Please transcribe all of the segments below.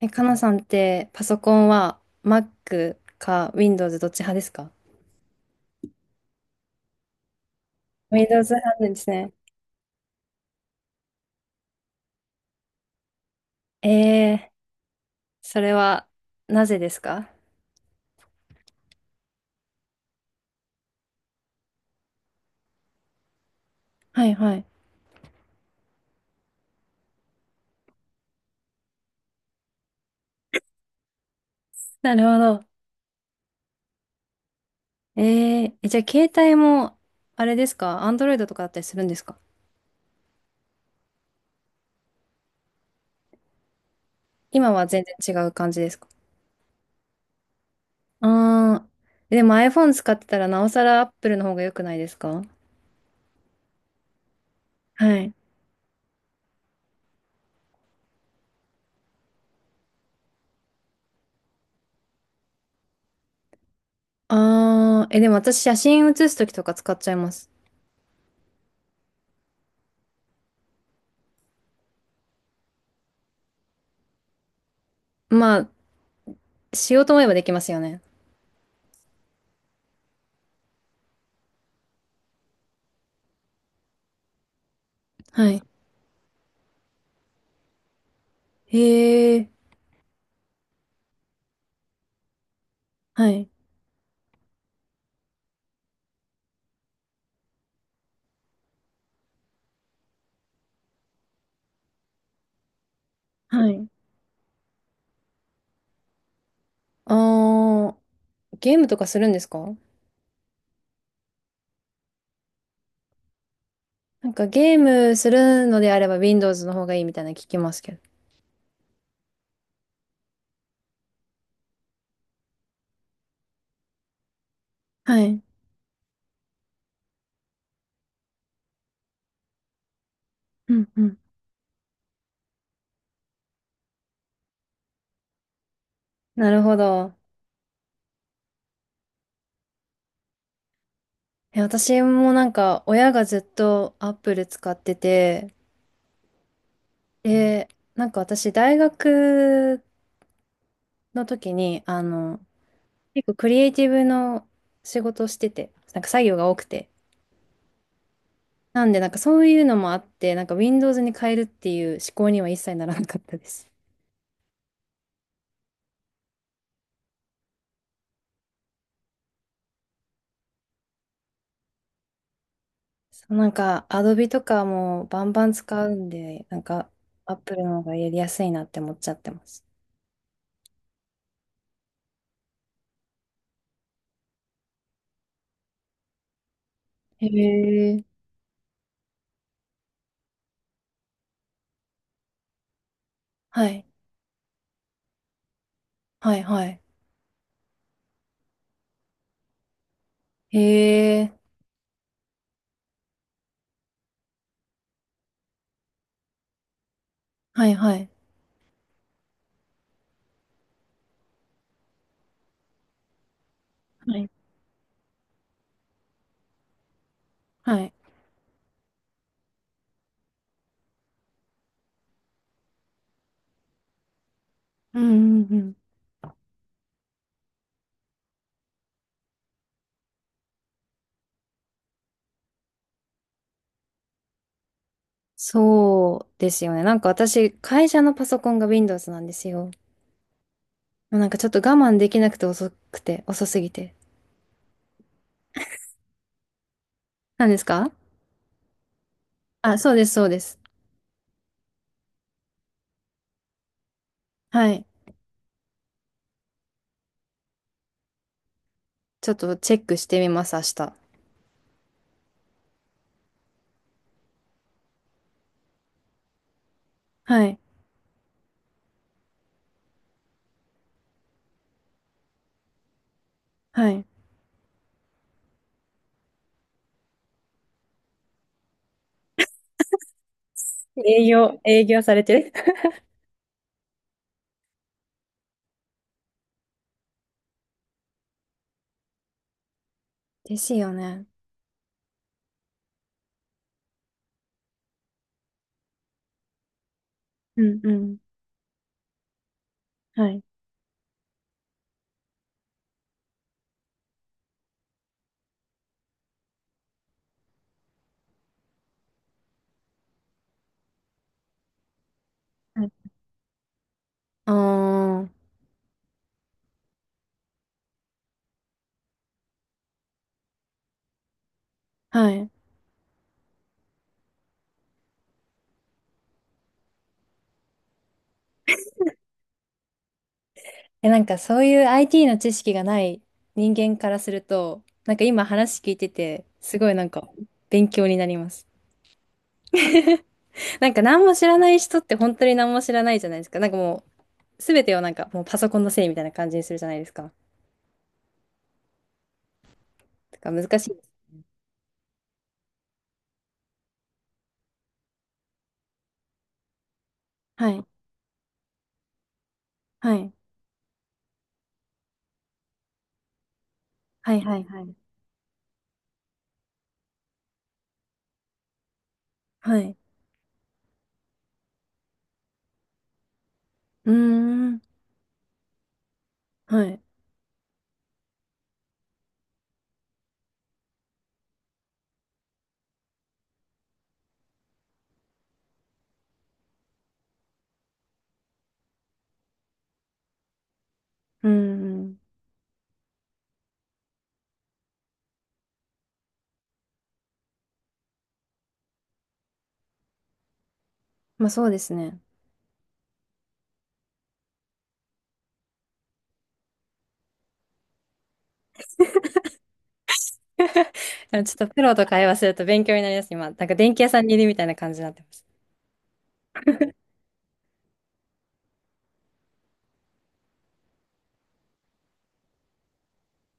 え、かなさんってパソコンは Mac か Windows どっち派ですか？ Windows 派なんですね。ええ、それはなぜですか？はいはい。なるほど。え、じゃあ携帯もあれですか Android とかだったりするんですか？今は全然違う感じですか？ああー、でも iPhone 使ってたらなおさら Apple の方が良くないですか？はい。ああ、え、でも私写真写すときとか使っちゃいます。まあ、しようと思えばできますよね。はい。へえ。はい。はい。あー、ゲームとかするんですか？なんかゲームするのであれば Windows の方がいいみたいなの聞きますけど。はい。うんうん。なるほど。え、私もなんか親がずっと Apple 使ってて、で、なんか私大学の時に、結構クリエイティブの仕事をしてて、なんか作業が多くて。なんでなんかそういうのもあって、なんか Windows に変えるっていう思考には一切ならなかったです。そうなんか、アドビとかもバンバン使うんで、なんか、アップルの方がやりやすいなって思っちゃってます。へえ。はい。はい、はい。へえ。はい、はい。はい。はい。うん、うん、うん。そうですよね。なんか私、会社のパソコンが Windows なんですよ。なんかちょっと我慢できなくて遅くて、遅すぎて。何ですか？あ、そうです、そうです。はい。ちょっとチェックしてみます、明日。はい。はい。営業、営業されてる。ですよね。うんうん。はい。はい。ああ、はい。え、なんかそういう IT の知識がない人間からすると、なんか今話聞いてて、すごいなんか勉強になります。なんか何も知らない人って本当に何も知らないじゃないですか。なんかもう全てをなんかもうパソコンのせいみたいな感じにするじゃないですか。だから難しいです。はい。はい。はいはいはい。はい。うーん。はい。うーん。まあそうですね。ちょっとプロと会話すると勉強になります、今。なんか電気屋さんにいるみたいな感じになってます。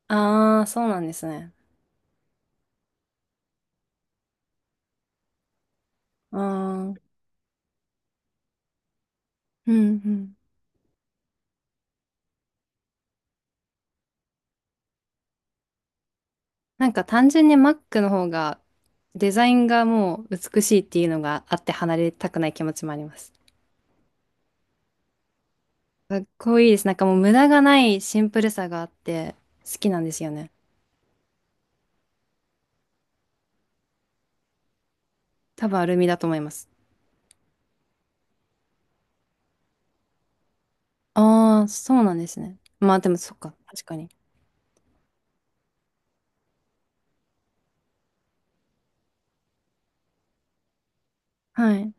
ああ、そうなんですね。ああ、うんうん。なんか単純に Mac の方がデザインがもう美しいっていうのがあって離れたくない気持ちもあります。かっこいいです。なんかもう無駄がないシンプルさがあって好きなんですよね。多分アルミだと思います。ああ、そうなんですね。まあでもそっか、確かに。はい。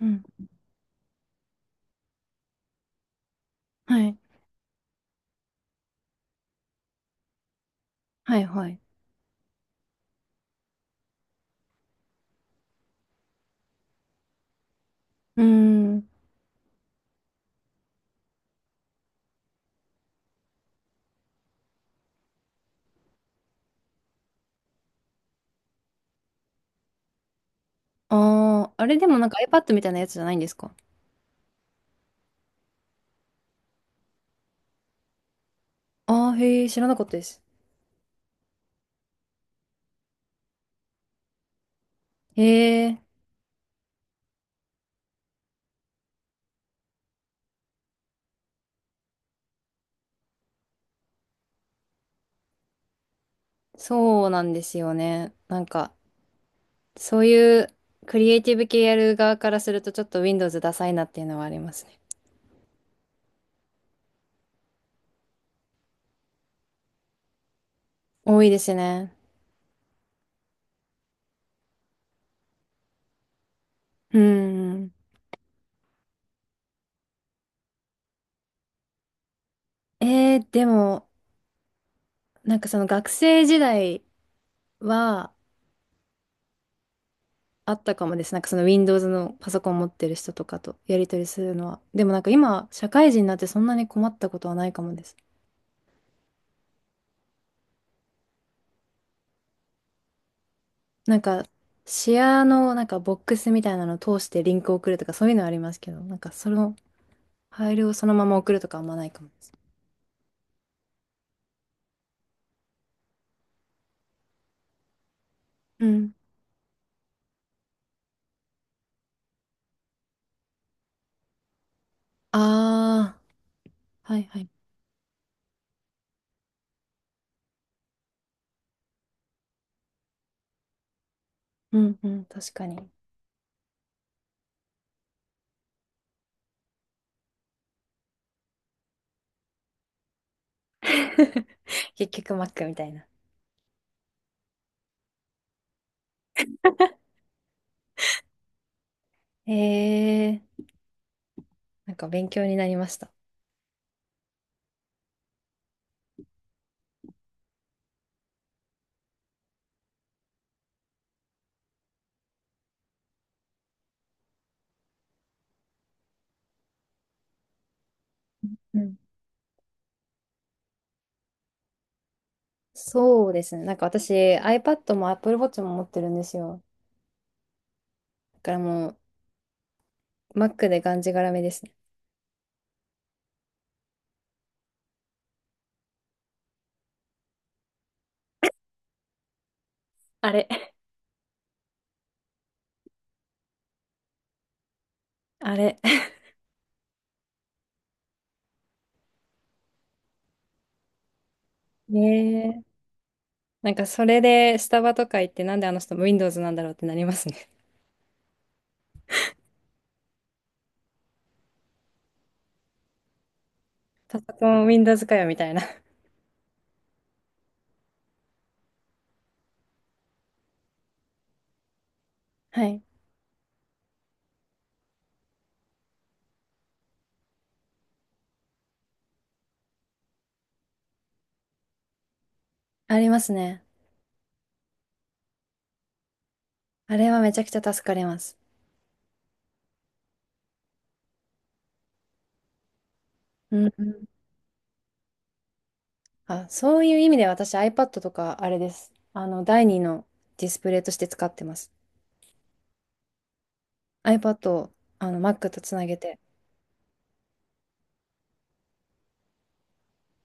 うん。はい。はいはい。うーん。ああ、あれでもなんか iPad みたいなやつじゃないんですか？ああー、へえ、知らなかったです。へえ、そうなんですよね。なんか、そういうクリエイティブ系やる側からするとちょっと Windows ダサいなっていうのはありますね。多いですね。うん。でも、なんかその学生時代はあったかもです。なんかその Windows のパソコン持ってる人とかとやり取りするのは。でもなんか今、社会人になってそんなに困ったことはないかもです。なんか、シェアのなんかボックスみたいなのを通してリンクを送るとかそういうのはありますけど、なんかそのファイルをそのまま送るとかあんまないかもです。うん。ああ、はいはい。うんうん、確かに。結局 Mac みたいな。へえー、なんか勉強になりました。うん、そうですね。なんか私 iPad も Apple Watch も持ってるんですよ。だからもう Mac でがんじがらめですね。あれ。あれ。ねえ。なんかそれでスタバとか行ってなんであの人 Windows なんだろうってなりますね。パソコン Windows かよみたいな。はい。ありますね。あれはめちゃくちゃ助かります。うんうん。あ、そういう意味で私 iPad とかあれです。第二のディスプレイとして使ってます。iPad をあの Mac とつなげて。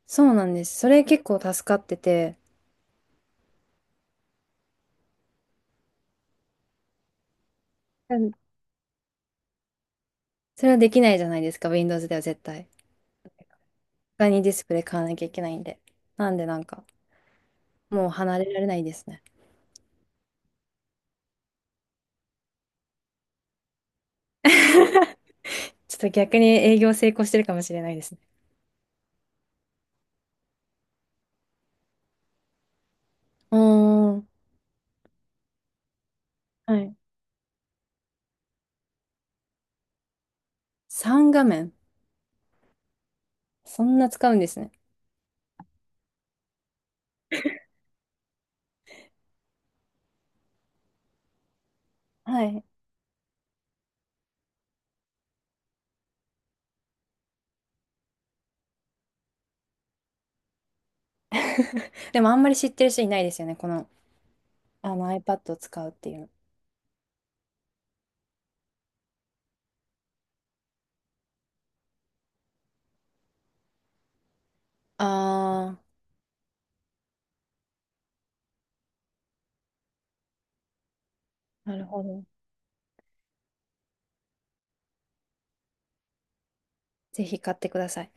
そうなんです。それ結構助かってて、うん、それはできないじゃないですか、Windows では絶対。他にディスプレイ買わなきゃいけないんで。なんでなんか、もう離れられないですね。ちょっと逆に営業成功してるかもしれないですね。うーん。はい。3画面。そんな使うんですね。はい。でもあんまり知ってる人いないですよね。この、あの iPad を使うっていうの。ああ、なるほど。ぜひ買ってください。